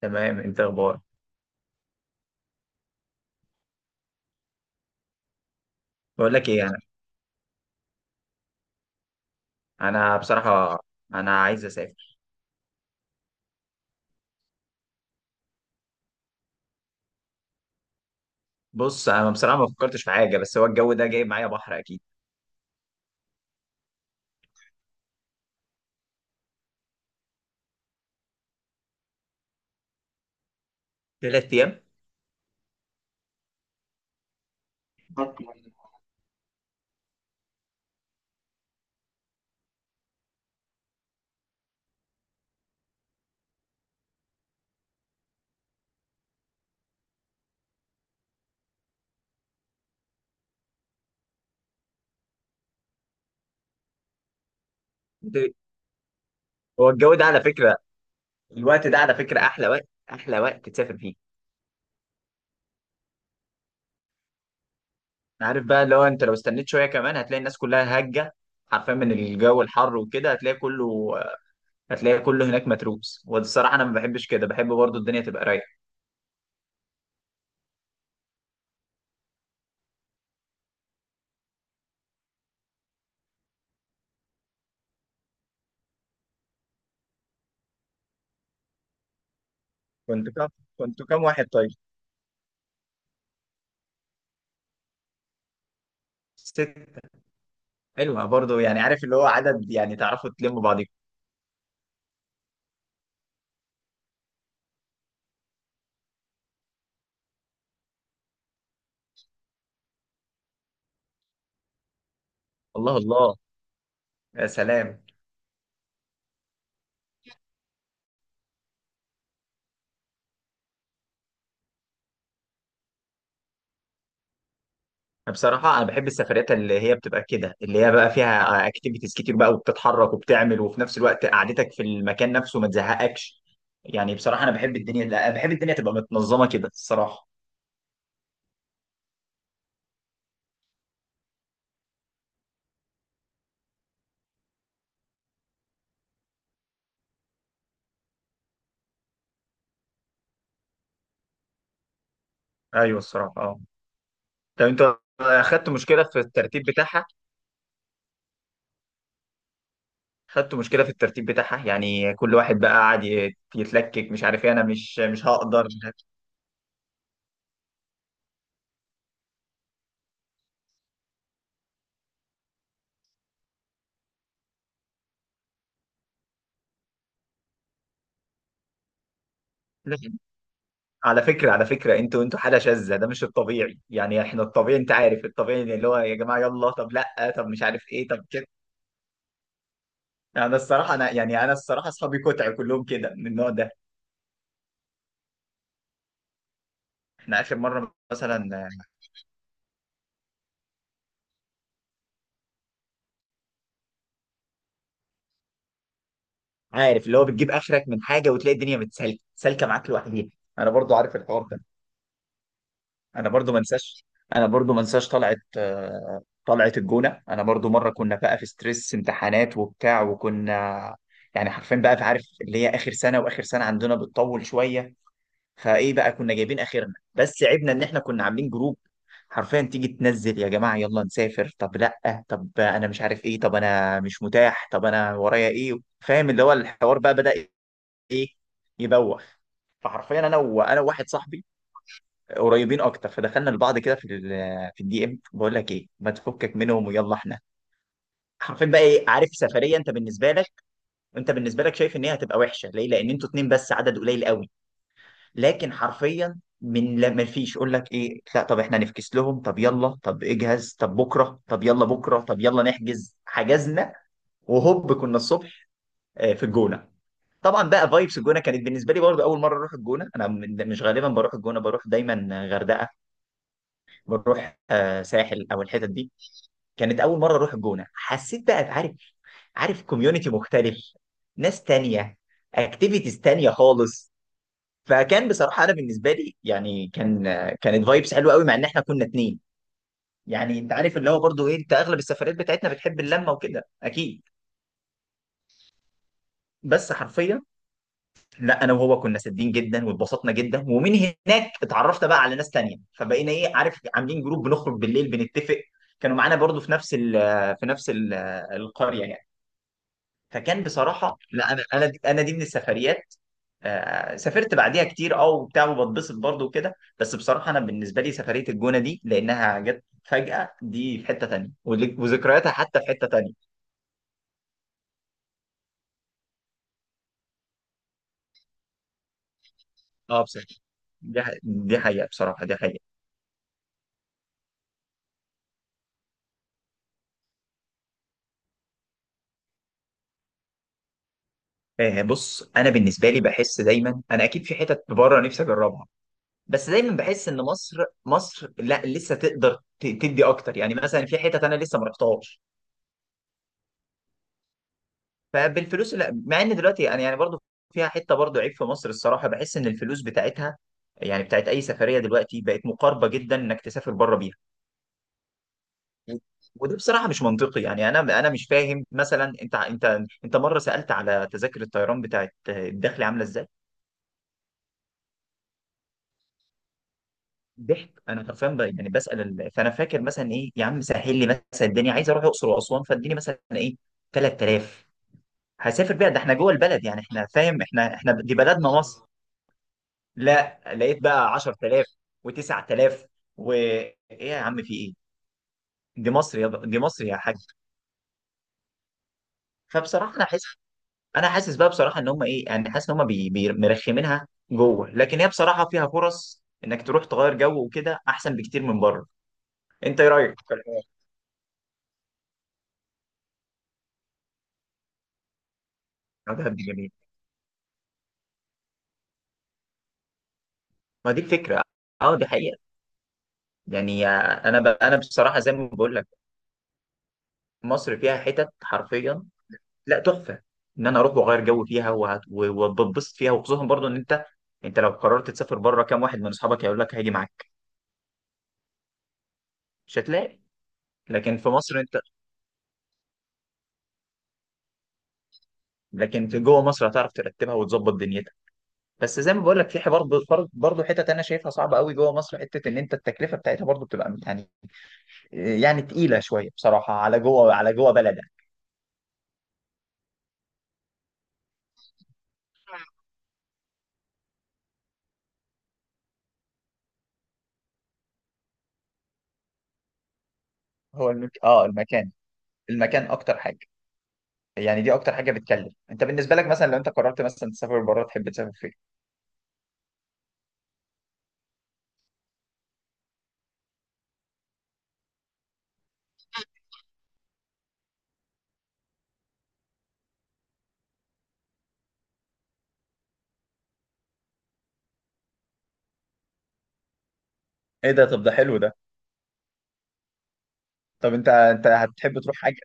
تمام، انت اخبارك؟ بقول لك ايه، انا بصراحه، انا عايز اسافر. بص، انا بصراحه ما فكرتش في حاجه، بس هو الجو ده جايب معايا بحر اكيد. 3 ايام؟ هو الجو ده على فكره، الوقت ده على فكره احلى وقت تسافر فيه. عارف بقى اللي هو انت لو استنيت شويه كمان هتلاقي الناس كلها هجه، حرفيا من الجو الحر وكده، هتلاقي كله هناك متروس، والصراحه انا ما بحبش كده، بحب برضو الدنيا تبقى رايقه. كنت كام كنت كام واحد طيب؟ ست؟ حلوه برضو، يعني عارف اللي هو عدد، يعني تعرفوا تلموا بعض. الله الله. يا سلام. بصراحة أنا بحب السفريات اللي هي بتبقى كده، اللي هي بقى فيها أكتيفيتيز كتير بقى، وبتتحرك وبتعمل، وفي نفس الوقت قعدتك في المكان نفسه ما تزهقكش. يعني بصراحة أنا بحب الدنيا، لا بحب الدنيا تبقى متنظمة كده الصراحة. أيوه الصراحة، أه. طب أنت أخدت مشكلة في الترتيب بتاعها؟ أخدت مشكلة في الترتيب بتاعها، يعني كل واحد بقى قاعد يتلكك، مش عارف إيه، أنا مش هقدر. لا. على فكرة انتوا حالة شاذة، ده مش الطبيعي، يعني احنا الطبيعي، انت عارف الطبيعي اللي هو يا جماعة يلا، طب لا، طب مش عارف ايه، طب كده. يعني انا الصراحة اصحابي كتع كلهم كده من النوع ده. احنا اخر مرة مثلا. عارف اللي هو بتجيب اخرك من حاجة وتلاقي الدنيا سالكة معاك لوحديها. انا برضو عارف الحوار ده. انا برضو ما انساش انا برضو ما انساش طلعت الجونة. انا برضو مرة كنا بقى في ستريس امتحانات وبتاع، وكنا يعني حرفيا بقى في، عارف اللي هي اخر سنة، واخر سنة عندنا بتطول شوية. فايه بقى، كنا جايبين اخرنا، بس عيبنا ان احنا كنا عاملين جروب. حرفيا تيجي تنزل يا جماعه، يلا نسافر، طب لا، طب انا مش عارف ايه، طب انا مش متاح، طب انا ورايا ايه. فاهم اللي هو الحوار بقى بدأ، ايه، يبوخ. فحرفيا انا وواحد صاحبي قريبين اكتر، فدخلنا لبعض كده في في الدي ام، بقول لك ايه، ما تفكك منهم ويلا احنا. حرفيا بقى، ايه، عارف سفريه انت بالنسبه لك، انت بالنسبه لك شايف ان هي هتبقى وحشه ليه؟ لان انتوا اتنين بس، عدد قليل قوي. لكن حرفيا من، لا ما فيش، يقول لك ايه، لا طب احنا نفكس لهم، طب يلا، طب اجهز، طب بكره، طب يلا بكره، طب يلا نحجز، حجزنا. وهوب كنا الصبح في الجونه. طبعا بقى فايبس الجونه كانت بالنسبه لي، برضه اول مره اروح الجونه، انا مش غالبا بروح الجونه، بروح دايما غردقه، بروح ساحل او الحتت دي. كانت اول مره اروح الجونه، حسيت بقى عارف، عارف كوميونتي مختلف، ناس تانية، اكتيفيتيز تانية خالص. فكان بصراحه انا بالنسبه لي، يعني كان، كانت فايبس حلوه قوي، مع ان احنا كنا اتنين. يعني انت عارف اللي هو برضو، ايه، انت اغلب السفريات بتاعتنا بتحب اللمه وكده اكيد. بس حرفيا، لا انا وهو كنا سادين جدا واتبسطنا جدا، ومن هناك اتعرفت بقى على ناس تانية، فبقينا، ايه، عارف، عاملين جروب بنخرج بالليل بنتفق. كانوا معانا برضو في نفس في نفس القريه يعني. فكان بصراحه، لا انا، انا دي من السفريات. سافرت بعديها كتير، وبتاع، وبتبسط برضه وكده. بس بصراحه انا بالنسبه لي سفريه الجونه دي، لانها جت فجاه، دي في حته تانيه، وذكرياتها حتى في حته تانيه. اه بصراحه، دي حقيقه، بصراحه دي حقيقه. آه بص، انا بالنسبه لي بحس دايما انا اكيد في حتت بره نفسي اجربها، بس دايما بحس ان مصر، مصر لا لسه تقدر تدي اكتر، يعني مثلا في حتت انا لسه ما رحتهاش. فبالفلوس، لا، مع ان دلوقتي انا يعني برضو فيها حته، برضو عيب في مصر الصراحه، بحس ان الفلوس بتاعتها، يعني بتاعت اي سفريه، دلوقتي بقت مقاربه جدا انك تسافر بره بيها. وده بصراحه مش منطقي، يعني انا مش فاهم، مثلا انت مره سالت على تذاكر الطيران بتاعت الداخلي عامله ازاي؟ ضحك، انا حرفيا يعني بسال فانا فاكر مثلا، ايه يا عم، سهل لي مثلا الدنيا، عايز اروح الاقصر واسوان، فاديني مثلا ايه، 3000، هسافر بيها، ده احنا جوه البلد يعني، احنا فاهم، احنا دي بلدنا مصر. لا لقيت بقى 10,000 و9000، وايه يا عم في ايه، دي مصر يا حاج. فبصراحه انا حاسس بقى بصراحه، ان هم، ايه يعني، حاسس ان هم مرخمينها جوه، لكن هي بصراحه فيها فرص انك تروح تغير جو وكده، احسن بكتير من بره. انت ايه رايك في الحوار؟ بتاع دهب دي جميل، ما دي الفكره، اه دي حقيقه. يعني انا انا بصراحه زي ما بقول لك، مصر فيها حتت حرفيا، لا، تحفه، ان انا اروح واغير جو فيها، وبتبسط فيها، وخصوصا برضو ان انت، انت لو قررت تسافر بره، كام واحد من اصحابك هيقول لك هاجي معاك؟ مش هتلاقي. لكن في مصر انت، لكن في جوه مصر هتعرف ترتبها وتظبط دنيتك. بس زي ما بقول لك في حوار برضه، حتت انا شايفها صعبه قوي جوه مصر، حته ان انت التكلفه بتاعتها برضه بتبقى يعني، يعني تقيله شويه بصراحه على جوه، بلدك. هو المكان، المكان اكتر حاجه، يعني دي اكتر حاجه بتكلف. انت بالنسبه لك مثلا، لو انت قررت مثلا تسافر بره، تحب تسافر فين؟ ايه ده، طب ده حلو ده. طب انت هتحب تروح حاجه؟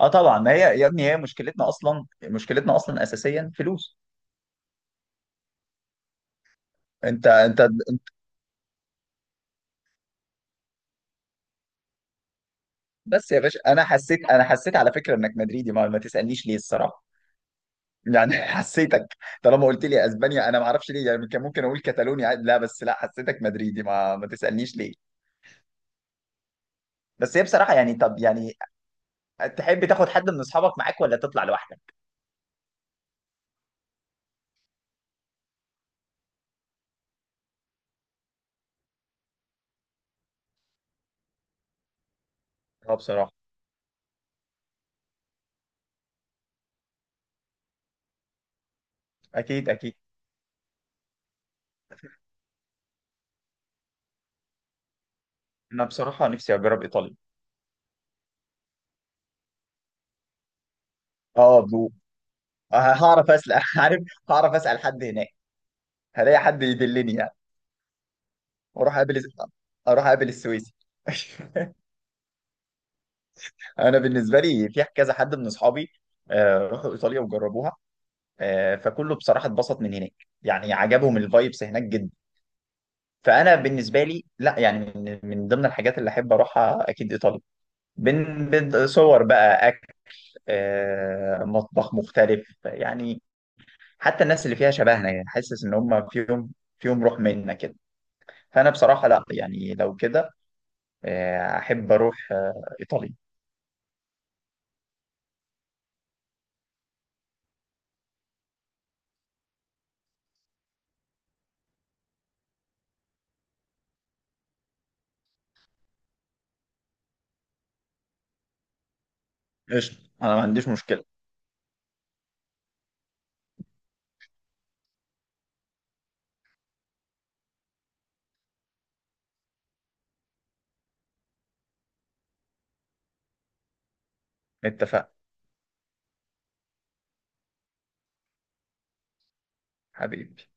اه طبعا، ما هي يا ابني هي مشكلتنا اصلا، مشكلتنا اصلا اساسيا فلوس. انت بس يا باشا، انا حسيت على فكره انك مدريدي، ما تسالنيش ليه الصراحه، يعني حسيتك، طالما قلت لي اسبانيا انا ما اعرفش ليه، يعني كان ممكن اقول كتالونيا عادي، لا بس لا حسيتك مدريدي، ما تسالنيش ليه. بس هي بصراحه يعني، طب يعني تحب تاخد حد من اصحابك معاك ولا تطلع لوحدك؟ اه بصراحه، اكيد اكيد. انا بصراحه نفسي اجرب ايطاليا. اه، هعرف اسال عارف، هعرف اسال حد هناك، هلاقي حد يدلني يعني، واروح اقابل اروح اقابل السويسي. انا بالنسبه لي في كذا حد من اصحابي راحوا ايطاليا وجربوها، فكله بصراحه اتبسط من هناك، يعني عجبهم الفايبس هناك جدا. فانا بالنسبه لي لا يعني، من ضمن الحاجات اللي احب اروحها اكيد ايطاليا. بين بين، صور بقى، اكل، مطبخ مختلف يعني، حتى الناس اللي فيها شبهنا، يعني حاسس ان هم فيهم، فيهم روح منا كده. فانا بصراحه لا، يعني لو كده، احب اروح ايطاليا. قشطة، أنا ما عنديش مشكلة. اتفقنا. حبيبي.